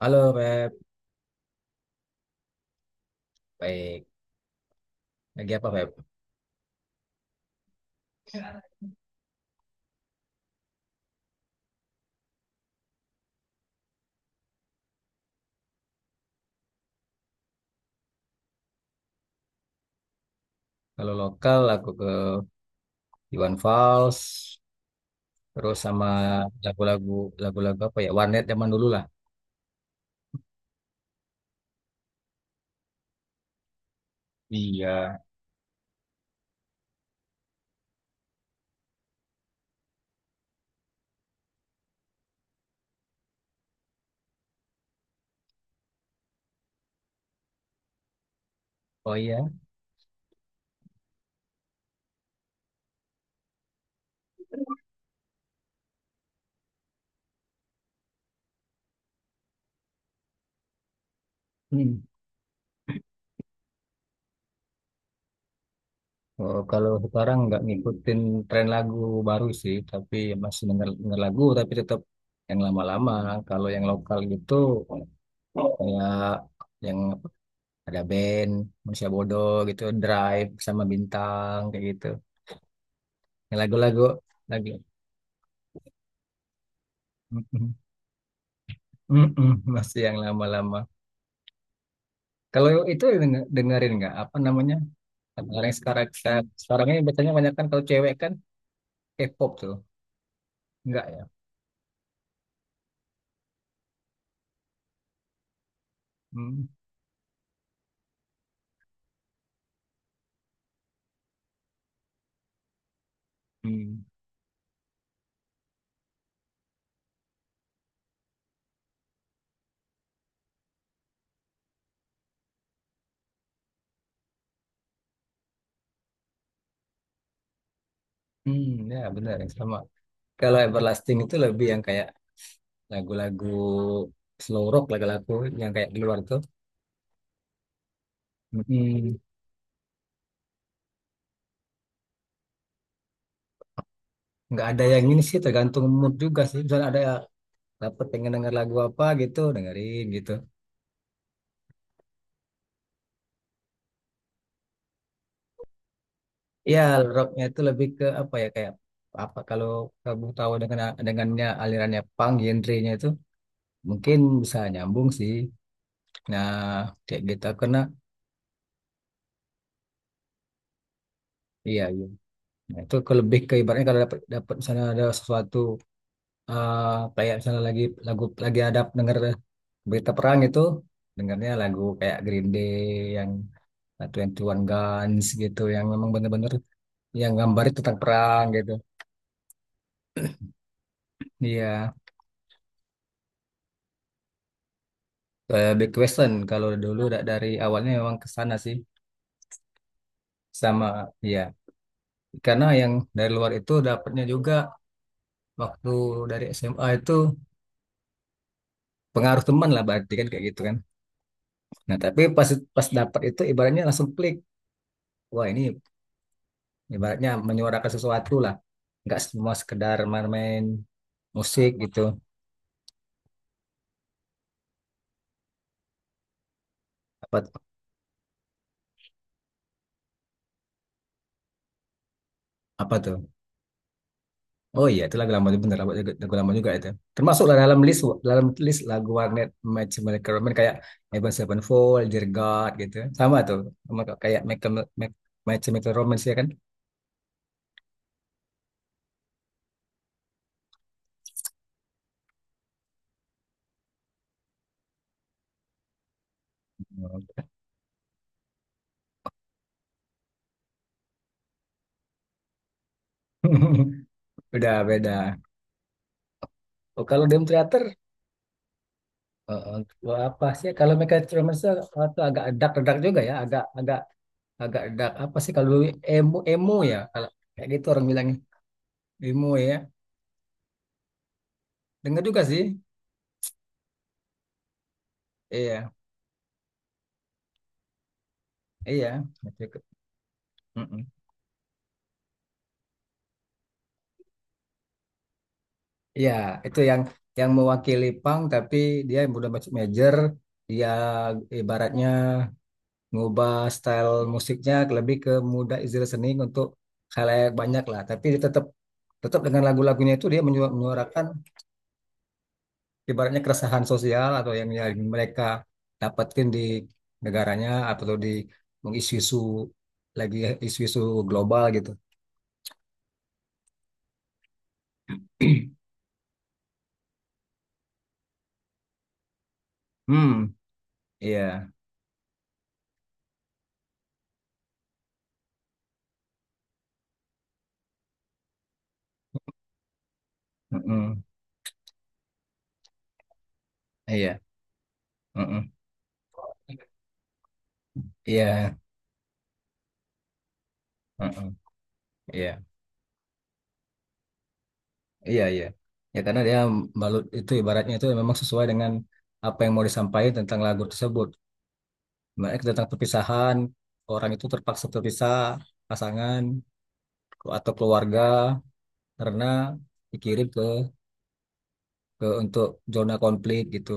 Halo Feb, baik. Lagi apa Feb? Kalau lokal aku ke Iwan Fals, terus sama lagu-lagu lagu-lagu apa ya? Warnet zaman dulu lah. Iya. Oh iya. Hmm. Oh, kalau sekarang nggak ngikutin tren lagu baru sih, tapi masih denger lagu tapi tetap yang lama-lama. Kalau yang lokal gitu kayak yang apa, ada band Manusia Bodoh gitu, Drive sama Bintang kayak gitu. Yang Lagu-lagu lagi. Mm-mm, masih yang lama-lama. Kalau itu dengerin nggak apa namanya? Kalau yang sekarang sekarang ini biasanya banyak kan kalau cewek kan K-pop tuh, nggak ya? Hmm, hmm, hmm, ya benar yang sama. Kalau Everlasting itu lebih yang kayak lagu-lagu slow rock lagu-lagu yang kayak di luar tuh. mm Nggak ada yang ini sih tergantung mood juga sih. Misalnya ada dapat pengen denger lagu apa gitu, dengerin gitu. Ya, rocknya itu lebih ke apa ya kayak apa kalau kamu tahu dengannya alirannya punk genrenya itu mungkin bisa nyambung sih. Nah, kayak gitu karena iya, iya. Nah, itu lebih ke ibaratnya kalau dapat dapat misalnya ada sesuatu, eh, kayak misalnya lagi ada dengar berita perang itu, dengarnya lagu kayak Green Day yang Twenty One Guns gitu, yang memang bener-bener yang gambarnya tentang perang gitu. Iya. Big question kalau dulu dari awalnya memang ke sana sih, sama ya karena yang dari luar itu dapatnya juga waktu dari SMA itu pengaruh teman lah berarti kan kayak gitu kan. Nah tapi pas pas dapat itu ibaratnya langsung klik, wah ini ibaratnya menyuarakan sesuatu lah, nggak semua sekedar main-main musik gitu. Apa apa tuh. Oh iya, itu lagu lama juga, bener lagu lama juga itu. Termasuklah dalam list lagu warnet macam mereka Roman kayak Avenged Sevenfold, Dear God gitu. Sama tuh, sama kayak Michael Mac- macam Michael Romance ya kan. Udah beda. Oh, kalau Dream Theater gua apa sih? Kalau Michael Romance itu agak dark-dark juga ya, agak agak agak dark apa sih, kalau dulu emo emo ya kalau kayak gitu orang bilangnya, emo ya. Dengar juga sih. Iya, iya. Gitu. Mm-mm. Iya, itu yang mewakili Pang, tapi dia yang udah masuk major, dia ibaratnya ngubah style musiknya lebih ke muda Izzy Listening untuk khalayak banyak lah. Tapi dia tetap tetap dengan lagu-lagunya itu dia menyuarakan ibaratnya keresahan sosial atau yang mereka dapetin di negaranya atau di isu-isu lagi isu-isu global gitu. Hmm, iya. Mm-mm. Iya. Mm-mm. Iya. Mm-mm. Iya. Iya, iya. Ya karena dia balut itu ibaratnya itu memang sesuai dengan apa yang mau disampaikan tentang lagu tersebut. Mereka tentang perpisahan, orang itu terpaksa terpisah, pasangan atau keluarga karena dikirim ke, untuk zona konflik gitu.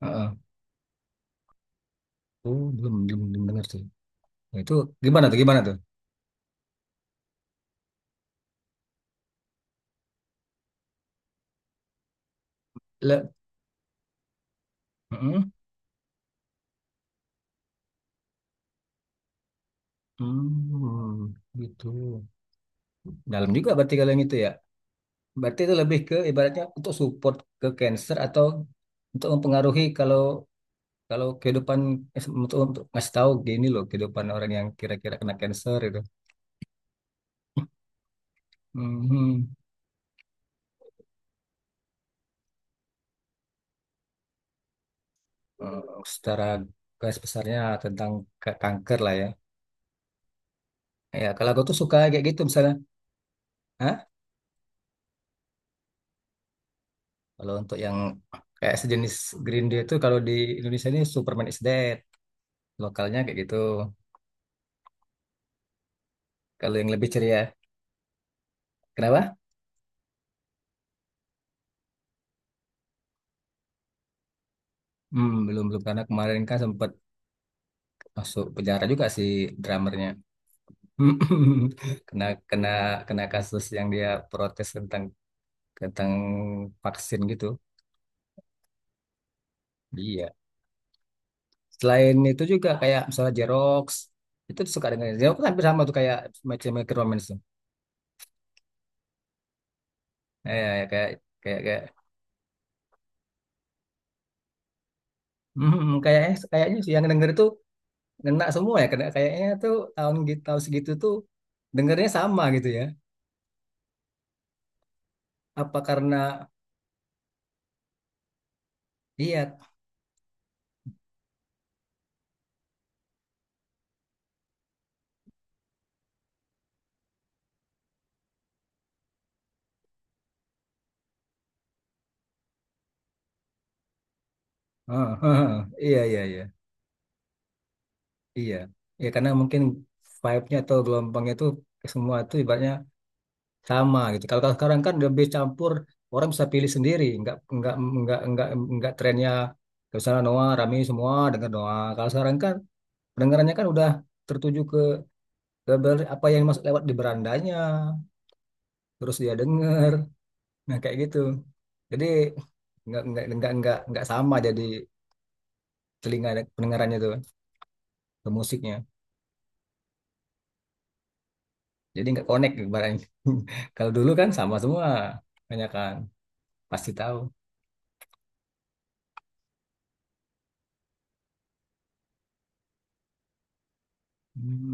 Heeh. Oh, belum belum belum dengar sih. Nah, itu gimana tuh? Gimana tuh? Le Heeh. Hmm, gitu. Dalam juga berarti kalau yang itu ya. Berarti itu lebih ke ibaratnya untuk support ke cancer, atau untuk mempengaruhi kalau Kalau kehidupan, untuk ngasih tahu gini loh kehidupan orang yang kira-kira kena cancer itu. Mhm. Eh, secara garis besarnya tentang kanker lah ya. Ya kalau aku tuh suka kayak gitu misalnya. Hah? Kalau untuk yang kayak sejenis Green Day itu kalau di Indonesia ini Superman is Dead, lokalnya kayak gitu. Kalau yang lebih ceria, kenapa? Hmm, belum belum karena kemarin kan sempat masuk penjara juga si drummernya. kena kena kena kasus yang dia protes tentang tentang vaksin gitu. Iya. Selain itu juga kayak misalnya Jerox, itu suka dengan Jerox kan hampir sama tuh kayak macam Necromance tuh. Ya, ya, kayak kayak kayak kayaknya kayaknya sih yang denger itu ngena semua ya, kena kayaknya tuh tahun gitu tahun segitu tuh dengernya sama gitu ya. Apa karena iya, heeh, heeh, iya, iya, iya, iya. Ya karena mungkin vibe-nya atau gelombangnya tuh semua tuh ibaratnya sama gitu. Kalau Kalau sekarang kan lebih campur, orang bisa pilih sendiri, nggak nggak nggak trennya ke sana, Noah rame semua dengar Noah. Kalau sekarang kan pendengarannya kan udah tertuju ke apa yang masuk lewat di berandanya, terus dia denger, nah kayak gitu. Jadi nggak sama, jadi telinga dan pendengarannya tuh ke musiknya. Jadi nggak connect barangnya. Kalau dulu kan sama semua, banyak kan pasti tahu. Hmm.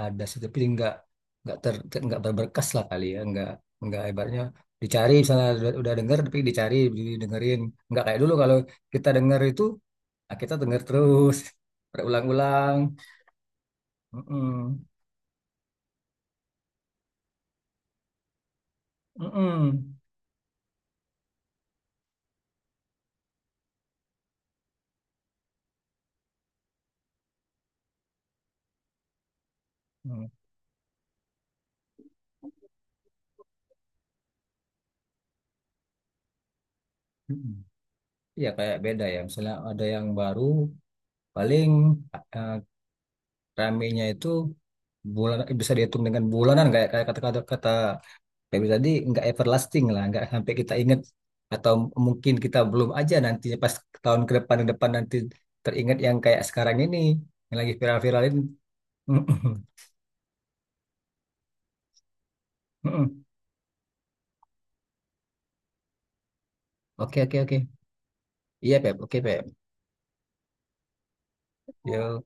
Ada sih tapi nggak ter nggak berberkas lah kali ya, nggak ibaratnya dicari, misalnya udah denger tapi dicari didengerin nggak kayak dulu, kalau kita denger itu, ah, kita denger terus berulang-ulang. Mm-mm. Mm-mm. Mm. Mm-mm. Iya kayak beda ya misalnya ada yang baru paling, eh, ramenya itu bulan bisa dihitung dengan bulanan, kayak kayak kata kata kata kayak tadi, nggak everlasting lah, nggak sampai kita ingat, atau mungkin kita belum aja nantinya, pas tahun ke depan nanti teringat yang kayak sekarang ini yang lagi viral viralin. Oke, oke, oke. Iya Pep, oke Pep. Yo.